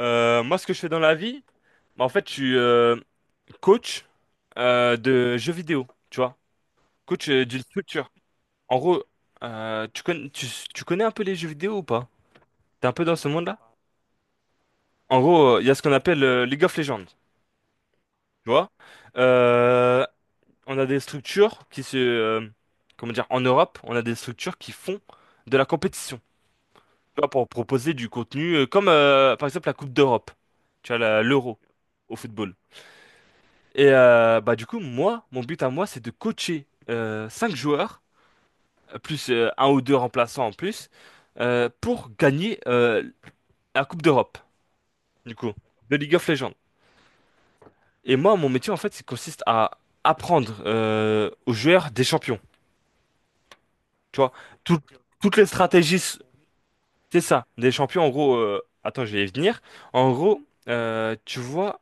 Moi, ce que je fais dans la vie, en fait, je suis coach de jeux vidéo, tu vois. Coach d'une structure. En gros, tu connais, tu connais un peu les jeux vidéo ou pas? T'es un peu dans ce monde-là? En gros, il y a ce qu'on appelle League of Legends, tu vois. Euh, on a des structures qui comment dire? En Europe, on a des structures qui font de la compétition, tu vois, pour proposer du contenu, comme par exemple la Coupe d'Europe, tu vois, l'Euro au football. Et bah du coup, moi, mon but à moi, c'est de coacher 5 joueurs, plus un ou deux remplaçants en plus, pour gagner la Coupe d'Europe, du coup, de League of Legends. Et moi, mon métier, en fait, il consiste à apprendre aux joueurs des champions. Tu vois, Tout- toutes les stratégies, c'est ça. Des champions, en gros, attends, je vais y venir. En gros, tu vois,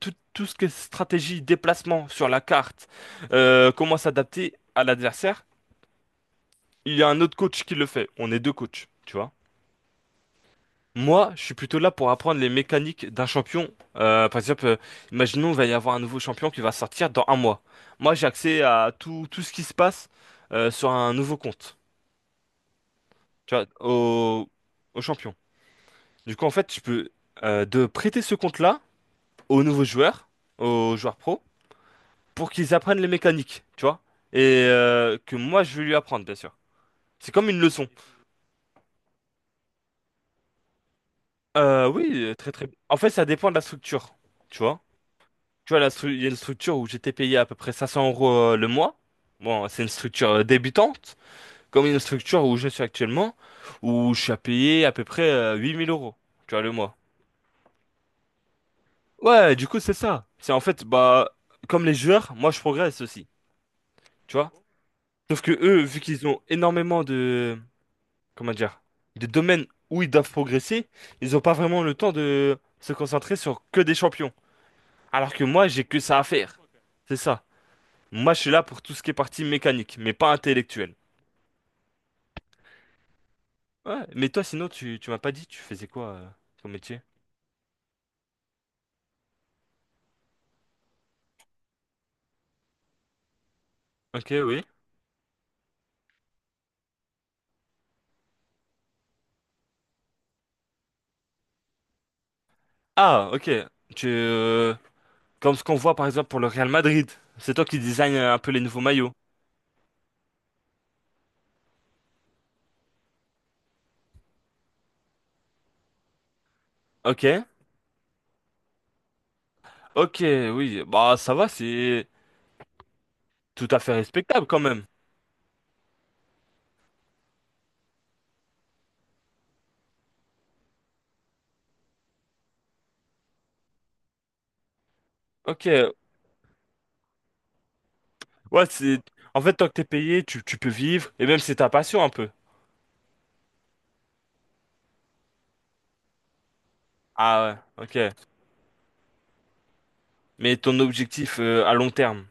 tout ce qui est stratégie, déplacement sur la carte, comment s'adapter à l'adversaire. Il y a un autre coach qui le fait. On est deux coachs, tu vois. Moi, je suis plutôt là pour apprendre les mécaniques d'un champion. Par exemple, imaginons qu'il va y avoir un nouveau champion qui va sortir dans un mois. Moi, j'ai accès à tout, tout ce qui se passe sur un nouveau compte, tu vois, au champion. Du coup, en fait, je peux de prêter ce compte-là aux nouveaux joueurs, aux joueurs pro, pour qu'ils apprennent les mécaniques, tu vois. Et que moi, je vais lui apprendre, bien sûr. C'est comme une leçon. Oui, très très. En fait, ça dépend de la structure, tu vois. Tu vois, il y a une structure où j'étais payé à peu près 500 euros le mois. Bon, c'est une structure débutante, comme une structure où je suis actuellement, où je suis à payer à peu près 8000 euros, tu vois, le mois. Ouais, du coup, c'est ça. C'est en fait, bah, comme les joueurs, moi, je progresse aussi, tu vois. Sauf que eux, vu qu'ils ont énormément de, comment dire, de domaines où ils doivent progresser, ils ont pas vraiment le temps de se concentrer sur que des champions. Alors que moi, j'ai que ça à faire. C'est ça. Moi, je suis là pour tout ce qui est partie mécanique, mais pas intellectuelle. Ouais, mais toi, sinon, tu m'as pas dit, tu faisais quoi comme métier? Ok, oui. Ah, ok. Tu, euh, Comme ce qu'on voit par exemple pour le Real Madrid, c'est toi qui design un peu les nouveaux maillots. Ok, ok, oui. Bah, ça va, c'est tout à fait respectable quand même. Ok, ouais, c'est. En fait, tant que t'es payé, tu peux vivre, et même c'est ta passion un peu. Ah ouais, ok. Mais ton objectif à long terme.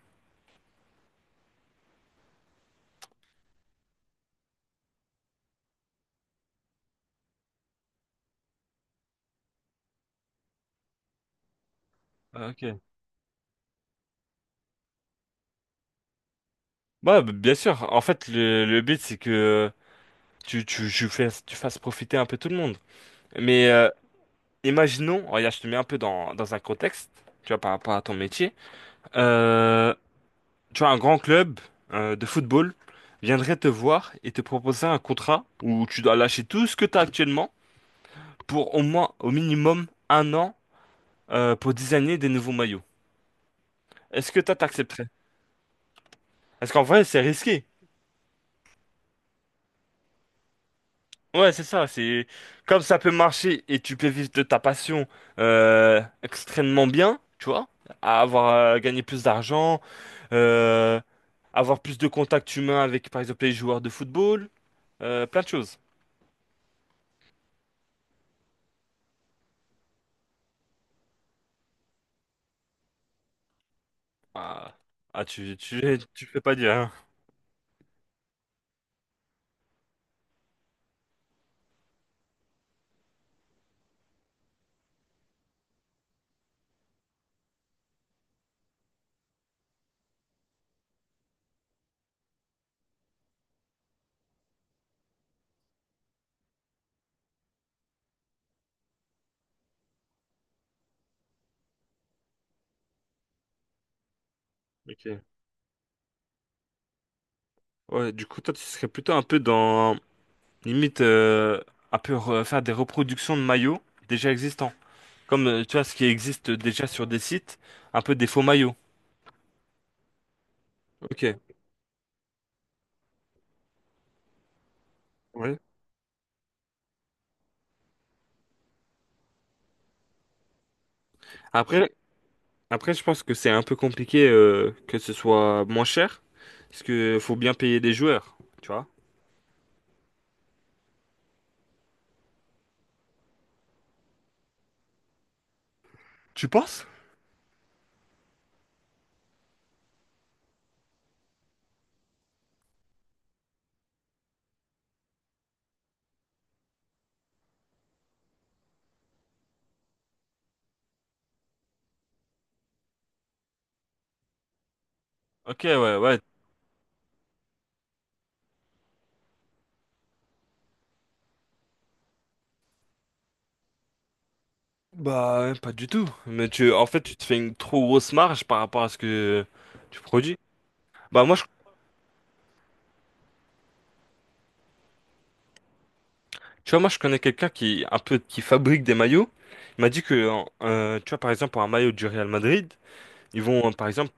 Ah, ok. Ouais, bah, bien sûr. En fait, le but, c'est que tu, tu fasses profiter un peu tout le monde. Mais imaginons, oh, regarde, je te mets un peu dans un contexte, tu vois, par rapport à ton métier. Euh, Tu vois, un grand club de football viendrait te voir et te proposer un contrat où tu dois lâcher tout ce que tu as actuellement pour au moins, au minimum, un an pour designer des nouveaux maillots. Est-ce que toi, t'accepterais? Parce qu'en vrai, c'est risqué. Ouais, c'est ça, c'est comme ça peut marcher et tu peux vivre de ta passion extrêmement bien, tu vois, à avoir gagné plus d'argent, euh, avoir plus de contacts humains avec par exemple les joueurs de football, plein de choses. Ah, ah, tu tu fais pas dire, hein. Ok. Ouais, du coup toi tu serais plutôt un peu dans limite un peu faire des reproductions de maillots déjà existants, comme tu vois ce qui existe déjà sur des sites, un peu des faux maillots. Ok. Ouais. Après, Après, je pense que c'est un peu compliqué que ce soit moins cher, parce que faut bien payer des joueurs, tu vois. Tu penses? Ok, ouais, ouais. Bah, pas du tout. Mais tu, en fait, tu te fais une trop grosse marge par rapport à ce que tu produis. Bah moi, je, tu vois, moi, je connais quelqu'un qui un peu qui fabrique des maillots. Il m'a dit que, tu vois, par exemple, pour un maillot du Real Madrid, ils vont, par exemple,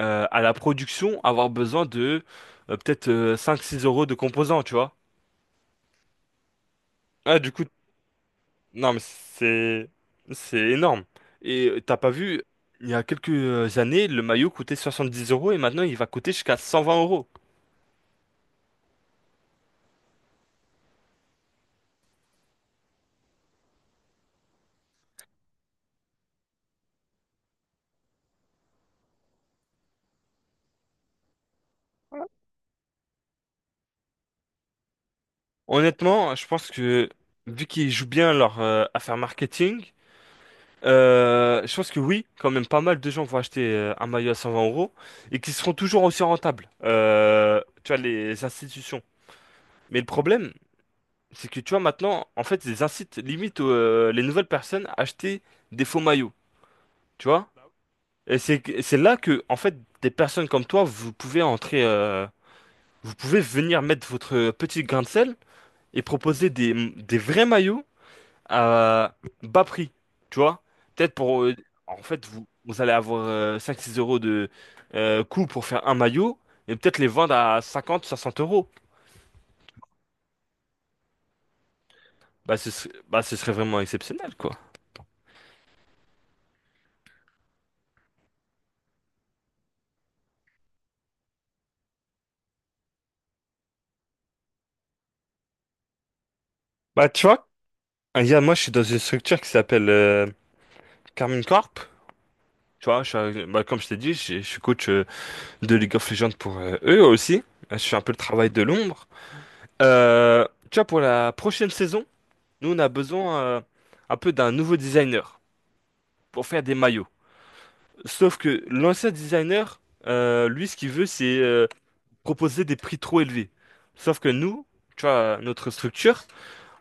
à la production, avoir besoin de peut-être cinq six euros de composants, tu vois. Ah, du coup, non, mais c'est énorme. Et t'as pas vu, il y a quelques années, le maillot coûtait 70 euros et maintenant il va coûter jusqu'à 120 euros. Honnêtement, je pense que vu qu'ils jouent bien leur affaire marketing, je pense que oui, quand même pas mal de gens vont acheter un maillot à 120 euros et qui seront toujours aussi rentables. Tu vois, les institutions. Mais le problème, c'est que tu vois maintenant, en fait, ils incitent limite les nouvelles personnes à acheter des faux maillots. Tu vois? Et c'est là que, en fait, des personnes comme toi, vous pouvez entrer, vous pouvez venir mettre votre petit grain de sel et proposer des vrais maillots à bas prix, tu vois? Peut-être pour, en fait, vous allez avoir 5-6 euros de coût pour faire un maillot et peut-être les vendre à cinquante soixante euros. Bah, ce serait vraiment exceptionnel, quoi. Bah, tu vois, moi, je suis dans une structure qui s'appelle Carmine Corp. Tu vois, bah, comme je t'ai dit, je suis coach de League of Legends pour eux aussi. Je fais un peu le travail de l'ombre. Tu vois, pour la prochaine saison, nous, on a besoin un peu d'un nouveau designer pour faire des maillots. Sauf que l'ancien designer, lui, ce qu'il veut, c'est proposer des prix trop élevés. Sauf que nous, tu vois, notre structure,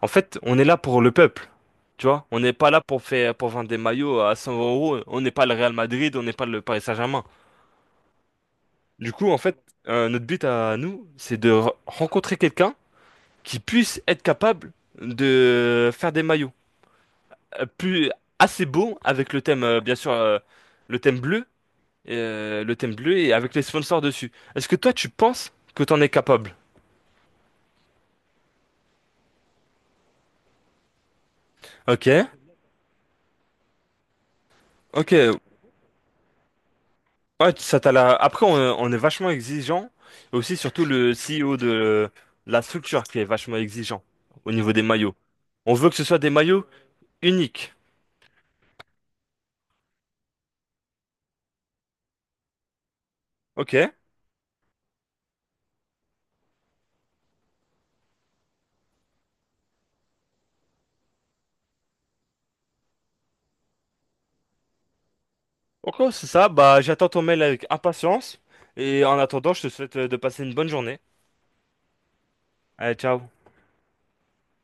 en fait, on est là pour le peuple. Tu vois, on n'est pas là pour pour vendre des maillots à 100 euros. On n'est pas le Real Madrid, on n'est pas le Paris Saint-Germain. Du coup, en fait, notre but à nous, c'est de rencontrer quelqu'un qui puisse être capable de faire des maillots plus assez beaux avec le thème, bien sûr, le thème bleu, le thème bleu et avec les sponsors dessus. Est-ce que toi, tu penses que t'en es capable? Ok, ok. Ouais, après, on est vachement exigeant. Et aussi, surtout, le CEO de la structure qui est vachement exigeant au niveau des maillots. On veut que ce soit des maillots uniques. Ok. Ok, c'est ça. Bah, j'attends ton mail avec impatience. Et en attendant, je te souhaite de passer une bonne journée. Allez, ciao.